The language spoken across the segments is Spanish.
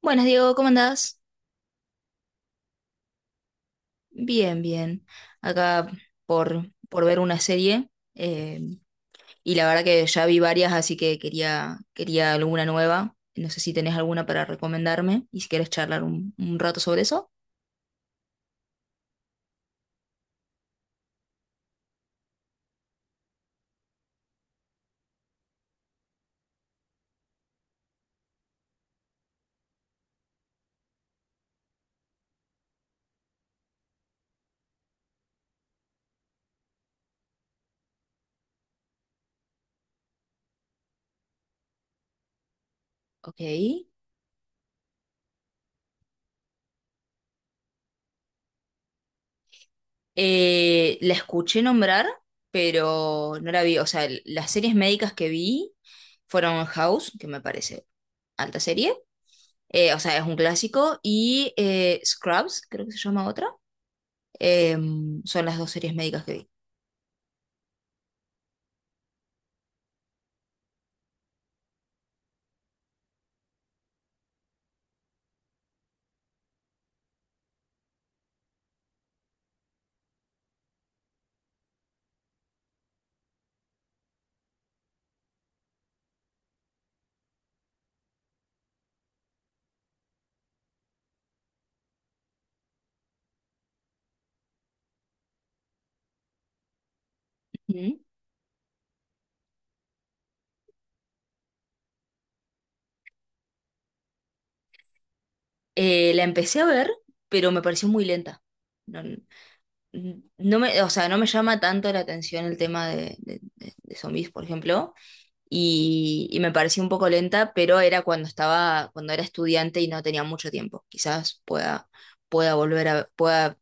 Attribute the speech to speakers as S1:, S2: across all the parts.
S1: Buenas, Diego, ¿cómo andás? Bien, bien. Acá por ver una serie. eh, y la verdad que ya vi varias, así que quería alguna nueva. No sé si tenés alguna para recomendarme y si querés charlar un rato sobre eso. Ok. La escuché nombrar, pero no la vi. O sea, las series médicas que vi fueron House, que me parece alta serie. Eh, o sea, es un clásico. Y Scrubs, creo que se llama otra. Eh, son las dos series médicas que vi. Ujú. La empecé a ver, pero me pareció muy lenta. No, o sea, no me llama tanto la atención el tema de, de zombies, por ejemplo, y me pareció un poco lenta, pero era cuando estaba, cuando era estudiante y no tenía mucho tiempo. Quizás pueda, pueda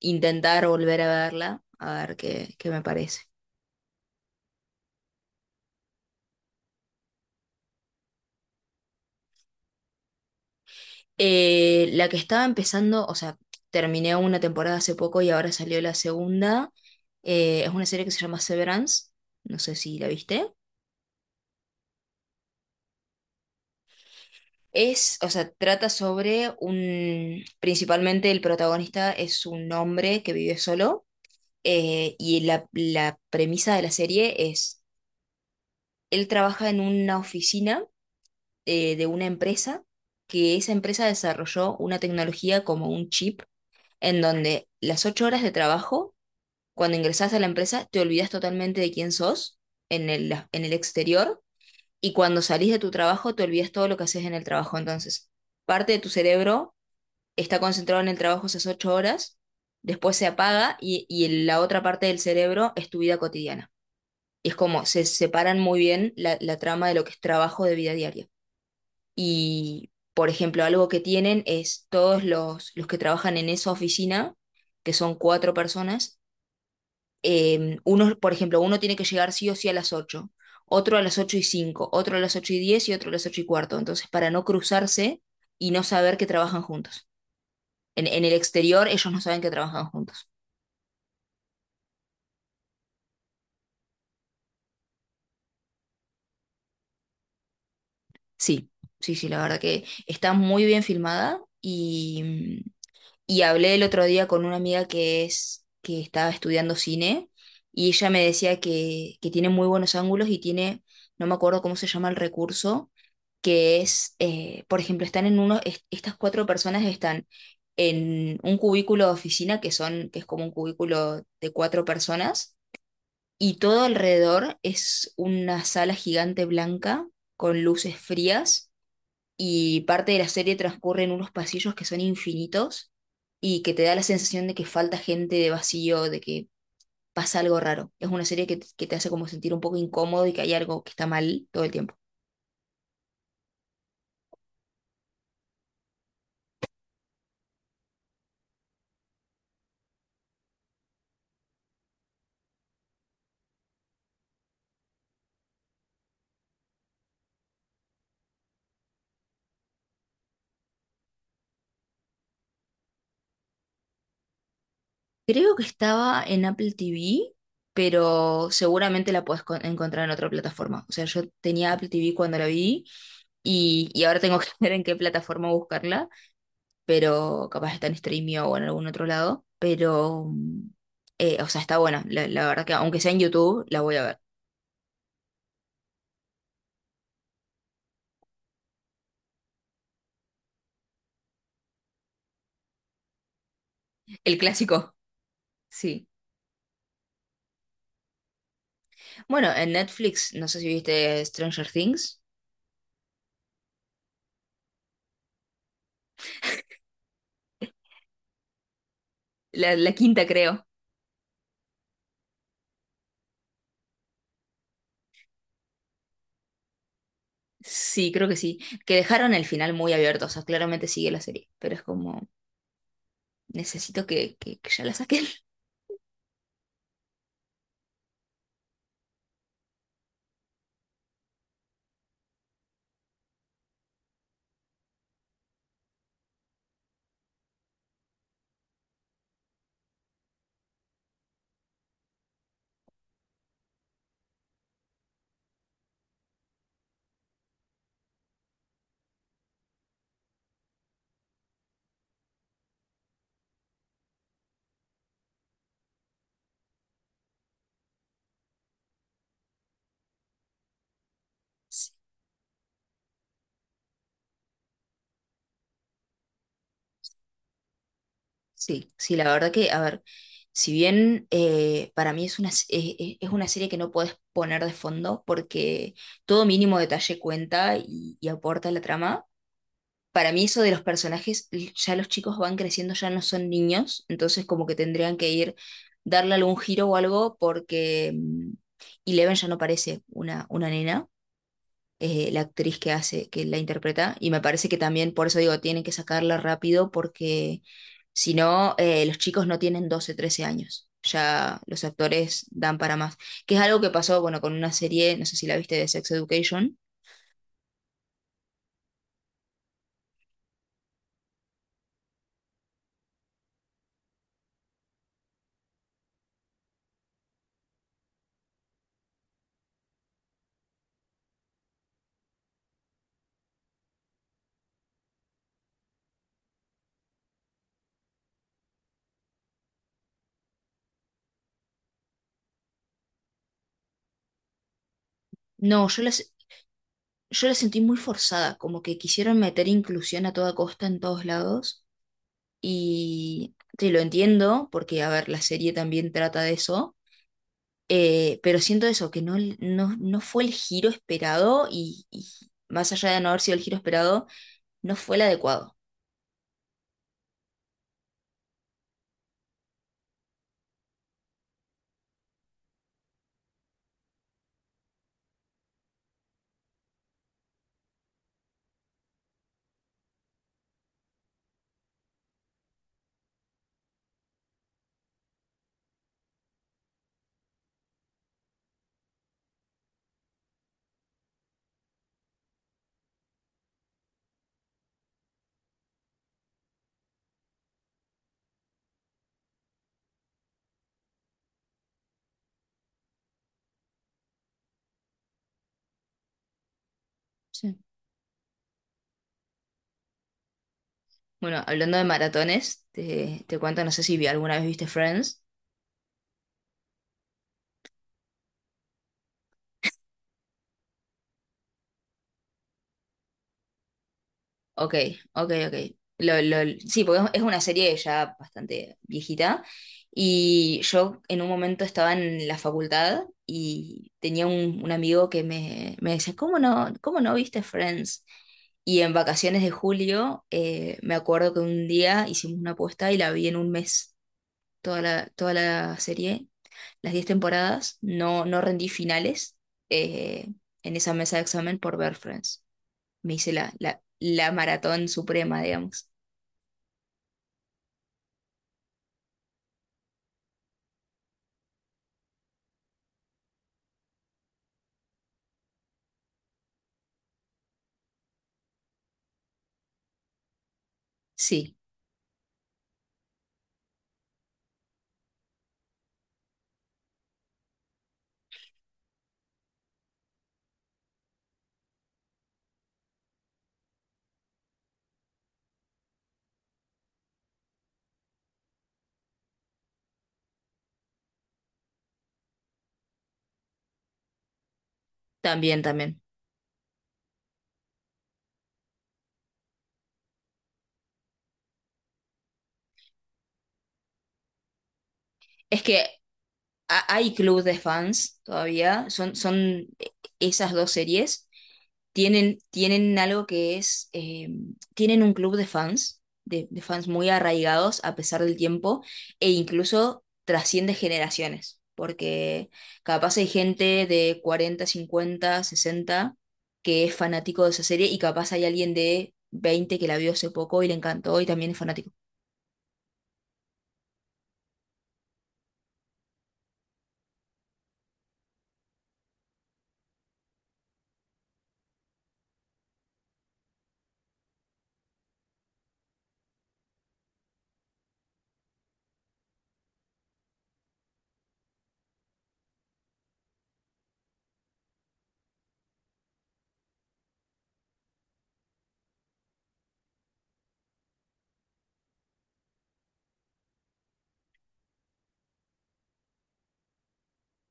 S1: intentar volver a verla, a ver qué, qué me parece. La que estaba empezando, o sea, terminé una temporada hace poco y ahora salió la segunda. Eh, es una serie que se llama Severance. No sé si la viste. Es, o sea, trata sobre un, principalmente el protagonista es un hombre que vive solo. Eh, y la premisa de la serie es, él trabaja en una oficina, de una empresa, que esa empresa desarrolló una tecnología como un chip, en donde las 8 horas de trabajo, cuando ingresás a la empresa, te olvidas totalmente de quién sos en el exterior, y cuando salís de tu trabajo, te olvidas todo lo que haces en el trabajo. Entonces, parte de tu cerebro está concentrado en el trabajo esas 8 horas, después se apaga y la otra parte del cerebro es tu vida cotidiana. Es como se separan muy bien la, la trama de lo que es trabajo de vida diaria. Y, por ejemplo, algo que tienen es todos los que trabajan en esa oficina, que son cuatro personas, uno, por ejemplo, uno tiene que llegar sí o sí a las ocho, otro a las 8 y cinco, otro a las 8 y 10 y otro a las 8 y cuarto. Entonces, para no cruzarse y no saber que trabajan juntos. En el exterior ellos no saben que trabajan juntos. Sí, sí, sí, la verdad que está muy bien filmada. Y hablé el otro día con una amiga que es, que estaba estudiando cine, y ella me decía que tiene muy buenos ángulos y tiene, no me acuerdo cómo se llama el recurso, que es, por ejemplo, están en uno, estas cuatro personas están en un cubículo de oficina, que son, que es como un cubículo de cuatro personas, y todo alrededor es una sala gigante blanca con luces frías, y parte de la serie transcurre en unos pasillos que son infinitos y que te da la sensación de que falta gente, de vacío, de que pasa algo raro. Es una serie que te hace como sentir un poco incómodo y que hay algo que está mal todo el tiempo. Creo que estaba en Apple TV, pero seguramente la puedes encontrar en otra plataforma. O sea, yo tenía Apple TV cuando la vi y ahora tengo que ver en qué plataforma buscarla, pero capaz está en Streamio o en algún otro lado, pero, o sea, está buena, la verdad que aunque sea en YouTube, la voy a ver. El clásico, sí. Bueno, en Netflix, no sé si viste Stranger Things, la quinta creo. Sí, creo que sí, que dejaron el final muy abierto, o sea, claramente sigue la serie, pero es como, necesito que, que ya la saquen. Sí, sí, la verdad que, a ver, si bien para mí es una, es una serie que no puedes poner de fondo porque todo mínimo detalle cuenta y aporta a la trama. Para mí eso de los personajes, l- ya los chicos van creciendo, ya no son niños, entonces como que tendrían que ir, darle algún giro o algo porque Eleven ya no parece una nena. Eh, la actriz que hace, que la interpreta, y me parece que también, por eso digo, tienen que sacarla rápido porque si no, los chicos no tienen 12 13 años, ya los actores dan para más, que es algo que pasó, bueno, con una serie, no sé si la viste, de Sex Education. No, yo la sentí muy forzada, como que quisieron meter inclusión a toda costa en todos lados, y te lo entiendo, porque, a ver, la serie también trata de eso. Pero siento eso, que no, no, no fue el giro esperado y más allá de no haber sido el giro esperado, no fue el adecuado. Sí. Bueno, hablando de maratones, te cuento, no sé si alguna vez viste Friends. Ok, ok, ok. Lo, lo- sí, porque es una serie ya bastante viejita. Y yo en un momento estaba en la facultad y tenía un amigo que me decía, cómo no viste Friends? Y en vacaciones de julio, me acuerdo que un día hicimos una apuesta y la vi en un mes, toda la serie, las 10 temporadas. No, no rendí finales, eh, en esa mesa de examen por ver Friends. Me hice la, la maratón suprema, digamos. Sí, también, también. Es que hay club de fans todavía, son, son esas dos series, tienen, tienen algo que es, tienen un club de fans muy arraigados a pesar del tiempo, e incluso trasciende generaciones, porque capaz hay gente de 40, 50, 60 que es fanático de esa serie y capaz hay alguien de 20 que la vio hace poco y le encantó y también es fanático.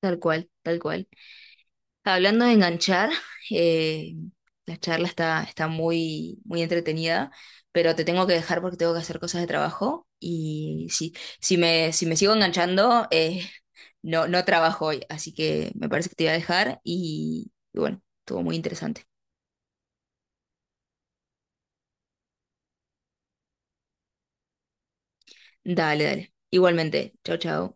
S1: Tal cual, tal cual. Hablando de enganchar, eh, la charla está, está muy, muy entretenida, pero te tengo que dejar porque tengo que hacer cosas de trabajo y si, si me, si me sigo enganchando, no, no trabajo hoy, así que me parece que te voy a dejar y bueno, estuvo muy interesante. Dale, dale. Igualmente, chao, chao.